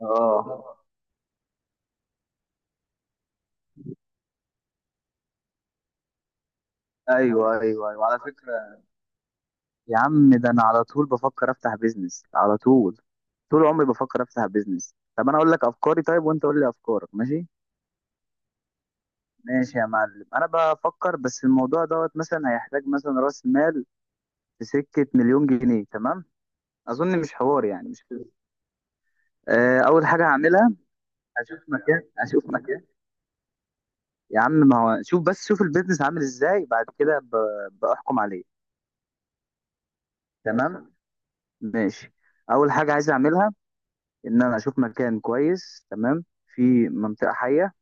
اه ايوه ايوه ايوه على فكره. يا عم، ده انا على طول بفكر افتح بيزنس على طول، طول عمري بفكر افتح بيزنس. طب انا اقول لك افكاري طيب، وانت قول لي افكارك. ماشي ماشي يا معلم. انا بفكر بس في الموضوع دوت، مثلا هيحتاج مثلا راس مال في سكه مليون جنيه، تمام؟ اظن مش حوار، يعني مش كده. اول حاجه هعملها، اشوف مكان. يا عم، ما هو شوف، بس شوف البيزنس عامل ازاي بعد كده بحكم عليه. تمام، ماشي. اول حاجه عايز اعملها ان انا اشوف مكان كويس، تمام، في منطقه حيه.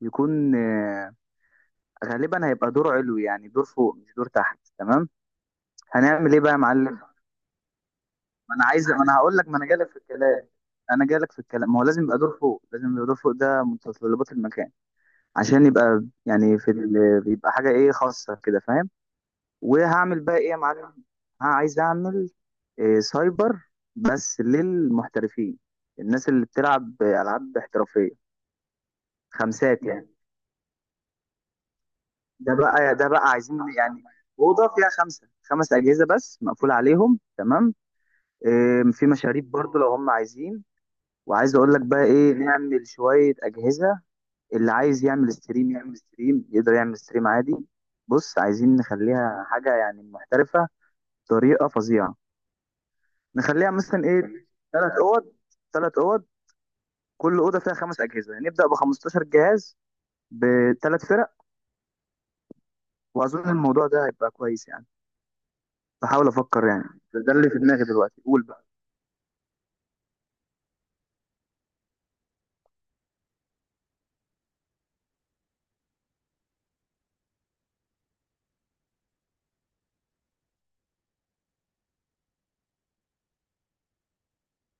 يكون غالبا هيبقى دور علوي، يعني دور فوق مش دور تحت، تمام. هنعمل ايه بقى يا معلم؟ ما انا عايز ما انا هقول لك ما انا جالك في الكلام. انا جالك في الكلام، ما هو لازم يبقى دور فوق، لازم يبقى دور فوق، ده متطلبات المكان. عشان يبقى يعني يبقى حاجه ايه خاصه كده، فاهم؟ وهعمل بقى ايه يا معلم؟ ها، عايز اعمل سايبر بس للمحترفين، الناس اللي بتلعب العاب احترافيه، خمسات يعني. ده بقى عايزين يعني اوضه فيها خمس اجهزه بس، مقفول عليهم، تمام. إيه، في مشاريب برضو لو هم عايزين. وعايز اقول لك بقى ايه، نعمل شويه اجهزه. اللي عايز يعمل ستريم يعمل ستريم، يقدر يعمل ستريم عادي. بص، عايزين نخليها حاجه يعني محترفه بطريقه فظيعه. نخليها مثلا ايه، ثلاث اوض ثلاث اوض، كل اوضه فيها خمس اجهزه، يعني نبدا ب 15 جهاز بثلاث فرق. واظن الموضوع ده هيبقى كويس يعني. بحاول افكر يعني. ده اللي في دماغي دلوقتي، قول بقى.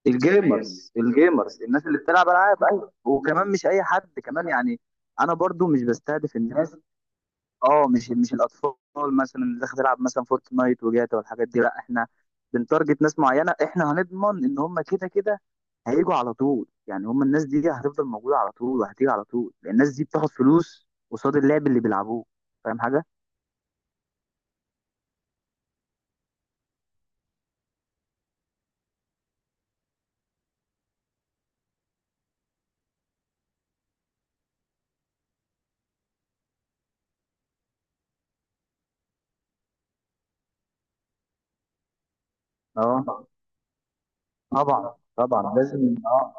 الجيمرز، الناس اللي بتلعب العاب، ايوه، وكمان مش اي حد كمان يعني. انا برضو مش بستهدف الناس، اه، مش الاطفال مثلا اللي داخل تلعب مثلا فورتنايت وجاتا والحاجات دي. لا، احنا بنتارجت ناس معينه. احنا هنضمن ان هم كده كده هيجوا على طول، يعني هم الناس دي هتفضل موجوده على طول وهتيجي على طول، لأن الناس دي بتاخد فلوس قصاد اللعب اللي بيلعبوه. فاهم حاجه؟ اه طبعا، طبعا لازم، اه.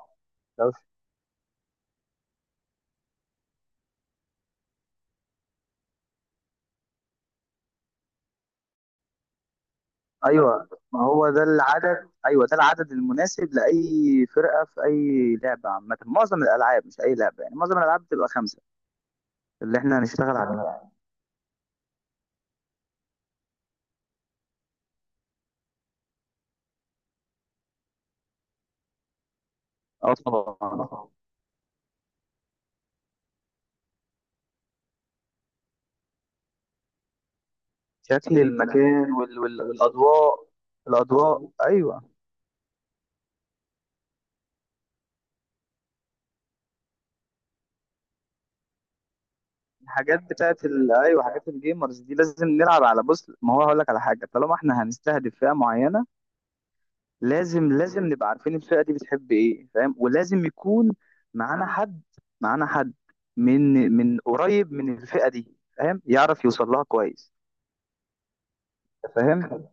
ايوه ما هو ده العدد، ايوه ده العدد المناسب لاي فرقه في اي لعبه عامه. معظم الالعاب، مش اي لعبه يعني، معظم الالعاب بتبقى خمسه، اللي احنا هنشتغل عليها. اه طبعا. شكل المكان والاضواء. الاضواء، ايوه. الحاجات بتاعت ايوه، حاجات الجيمرز دي لازم نلعب على. بص، ما هو هقول لك على حاجه، طالما احنا هنستهدف فئه معينه، لازم نبقى عارفين الفئة دي بتحب ايه، فاهم؟ ولازم يكون معانا حد معانا حد من قريب من الفئة دي، فاهم، يعرف يوصل لها كويس. فاهم.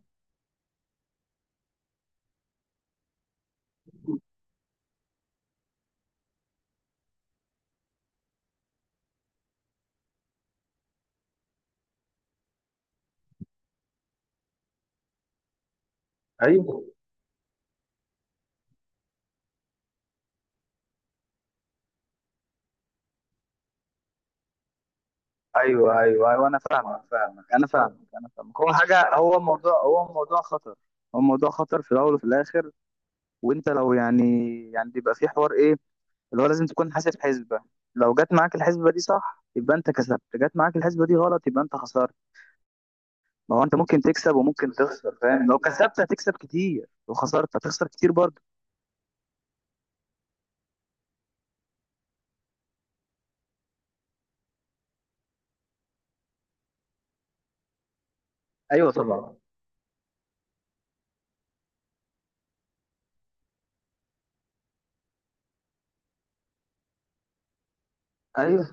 ايوه ايوه ايوه ايوه انا فاهمك، انا فاهمك. هو حاجة، هو موضوع خطر. هو موضوع خطر في الاول وفي الاخر. وانت لو يعني، يعني بيبقى في حوار ايه، اللي هو لازم تكون حاسب حسبة. لو جت معاك الحسبة دي صح، يبقى انت كسبت. جت معاك الحسبة دي غلط، يبقى انت خسرت. ما هو انت ممكن تكسب وممكن تخسر، فاهم؟ لو كسبت هتكسب كتير، لو خسرت هتخسر كتير برضه. ايوه طبعا. ايوه.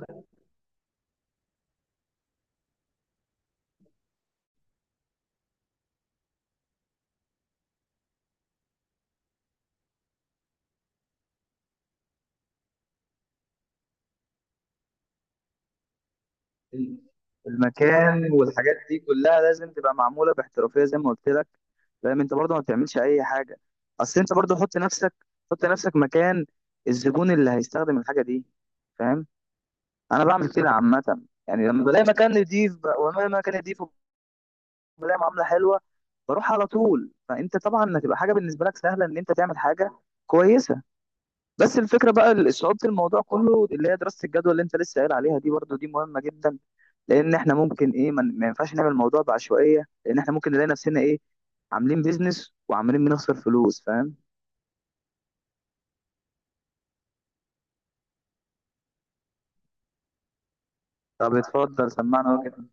ال- المكان والحاجات دي كلها لازم تبقى معموله باحترافيه، زي ما قلت لك. فاهم، انت برضه ما بتعملش اي حاجه. اصل انت برضه حط نفسك مكان الزبون اللي هيستخدم الحاجه دي، فاهم. انا بعمل كده عامه، يعني لما بلاقي مكان نضيف وانا مكان نضيف، وبلاقي معامله حلوه، بروح على طول. فانت طبعا هتبقى حاجه بالنسبه لك سهله ان انت تعمل حاجه كويسه. بس الفكره بقى صعوبه الموضوع كله اللي هي دراسه الجدوى اللي انت لسه قايل عليها دي، برضو دي مهمه جدا. لان احنا ممكن ايه، ما ينفعش نعمل الموضوع بعشوائيه، لان احنا ممكن نلاقي نفسنا ايه، عاملين بيزنس وعمالين بنخسر فلوس، فاهم. طب اتفضل سمعنا وجهة.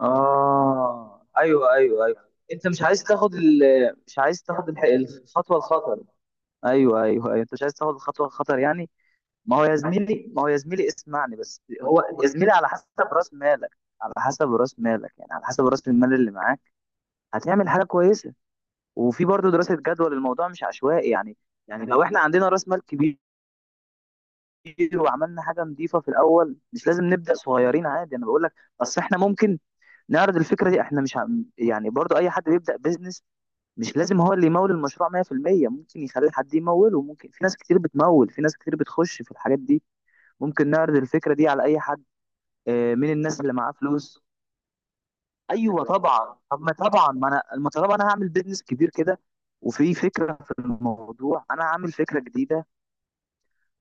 اه، ايوه انت مش عايز تاخد مش عايز تاخد الخطوه الخطر. ايوه انت مش عايز تاخد الخطوه الخطر يعني. ما هو يا زميلي اسمعني بس. هو يا زميلي على حسب راس مالك، يعني على حسب راس المال اللي معاك هتعمل حاجه كويسه. وفي برضه دراسه جدوى للموضوع، مش عشوائي يعني. يعني لو احنا عندنا راس مال كبير، وعملنا حاجه نظيفه في الاول، مش لازم نبدا صغيرين عادي، انا بقول لك. اصل احنا ممكن نعرض الفكره دي. احنا مش يعني برضو اي حد بيبدا بيزنس مش لازم هو اللي يمول المشروع 100%. ممكن يخلي حد يموله، ممكن في ناس كتير بتمول، في ناس كتير بتخش في الحاجات دي. ممكن نعرض الفكره دي على اي حد، مين الناس اللي معاه فلوس. ايوه طبعا. طب ما طبعا، ما انا، ما طالما انا هعمل بيزنس كبير كده وفي فكره في الموضوع، انا هعمل فكره جديده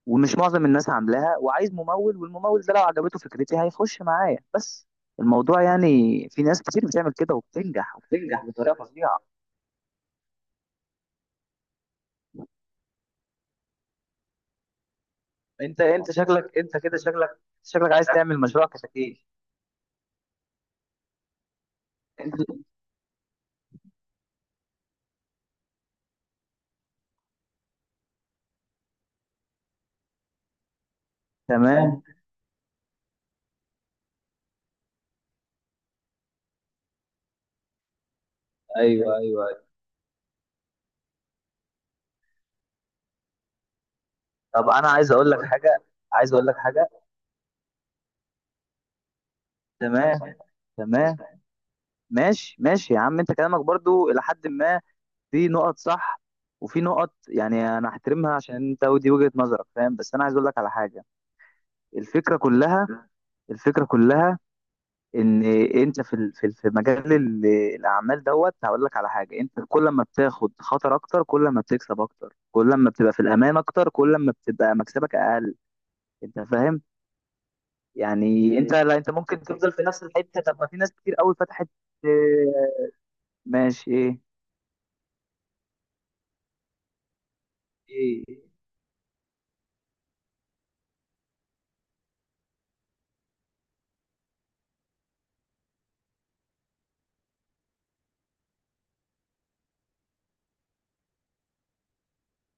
ومش معظم الناس عاملاها، وعايز ممول. والممول ده لو عجبته فكرتي هيخش معايا، بس الموضوع يعني. في ناس كتير بتعمل كده وبتنجح، وبتنجح بطريقه فظيعه. انت شكلك، انت كده، شكلك عايز تعمل مشروع كتاكيت. انت تمام. ايوه ايوه أيوة. طب انا عايز اقول لك حاجه، عايز اقول لك حاجه تمام تمام، ماشي ماشي يا عم. انت كلامك برضو الى حد ما في نقط صح، وفي نقط يعني انا احترمها عشان انت ودي وجهة نظرك، فاهم. بس انا عايز اقول لك على حاجة. الفكرة كلها، الفكرة كلها ان انت في مجال الاعمال دوت. هقول لك على حاجة: انت كل ما بتاخد خطر اكتر، كل ما بتكسب اكتر. كل ما بتبقى في الامان اكتر، كل ما بتبقى مكسبك اقل. انت فاهم؟ يعني انت لا، انت ممكن تفضل في نفس الحتة، طب ما في ناس كتير قوي فتحت. اه، ماشي. ايه ايه؟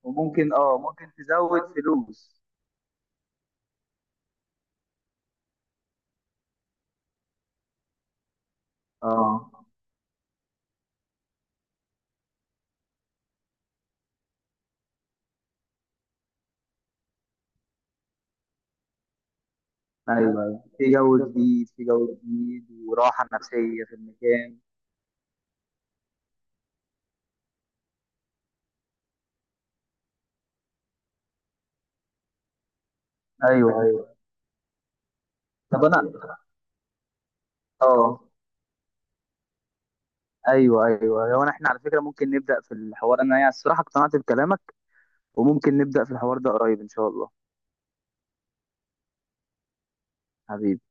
وممكن اه، ممكن تزود فلوس. اه يعني ايوه، ايوه، في جو جديد، في جو جديد، وراحة نفسية في المكان. ايوه ايوه. طب انا، اه، ايوه ايوه. احنا على فكرة ممكن نبدأ في الحوار. انا يعني الصراحة اقتنعت بكلامك، وممكن نبدأ في الحوار ده قريب ان شاء الله. حبيبي.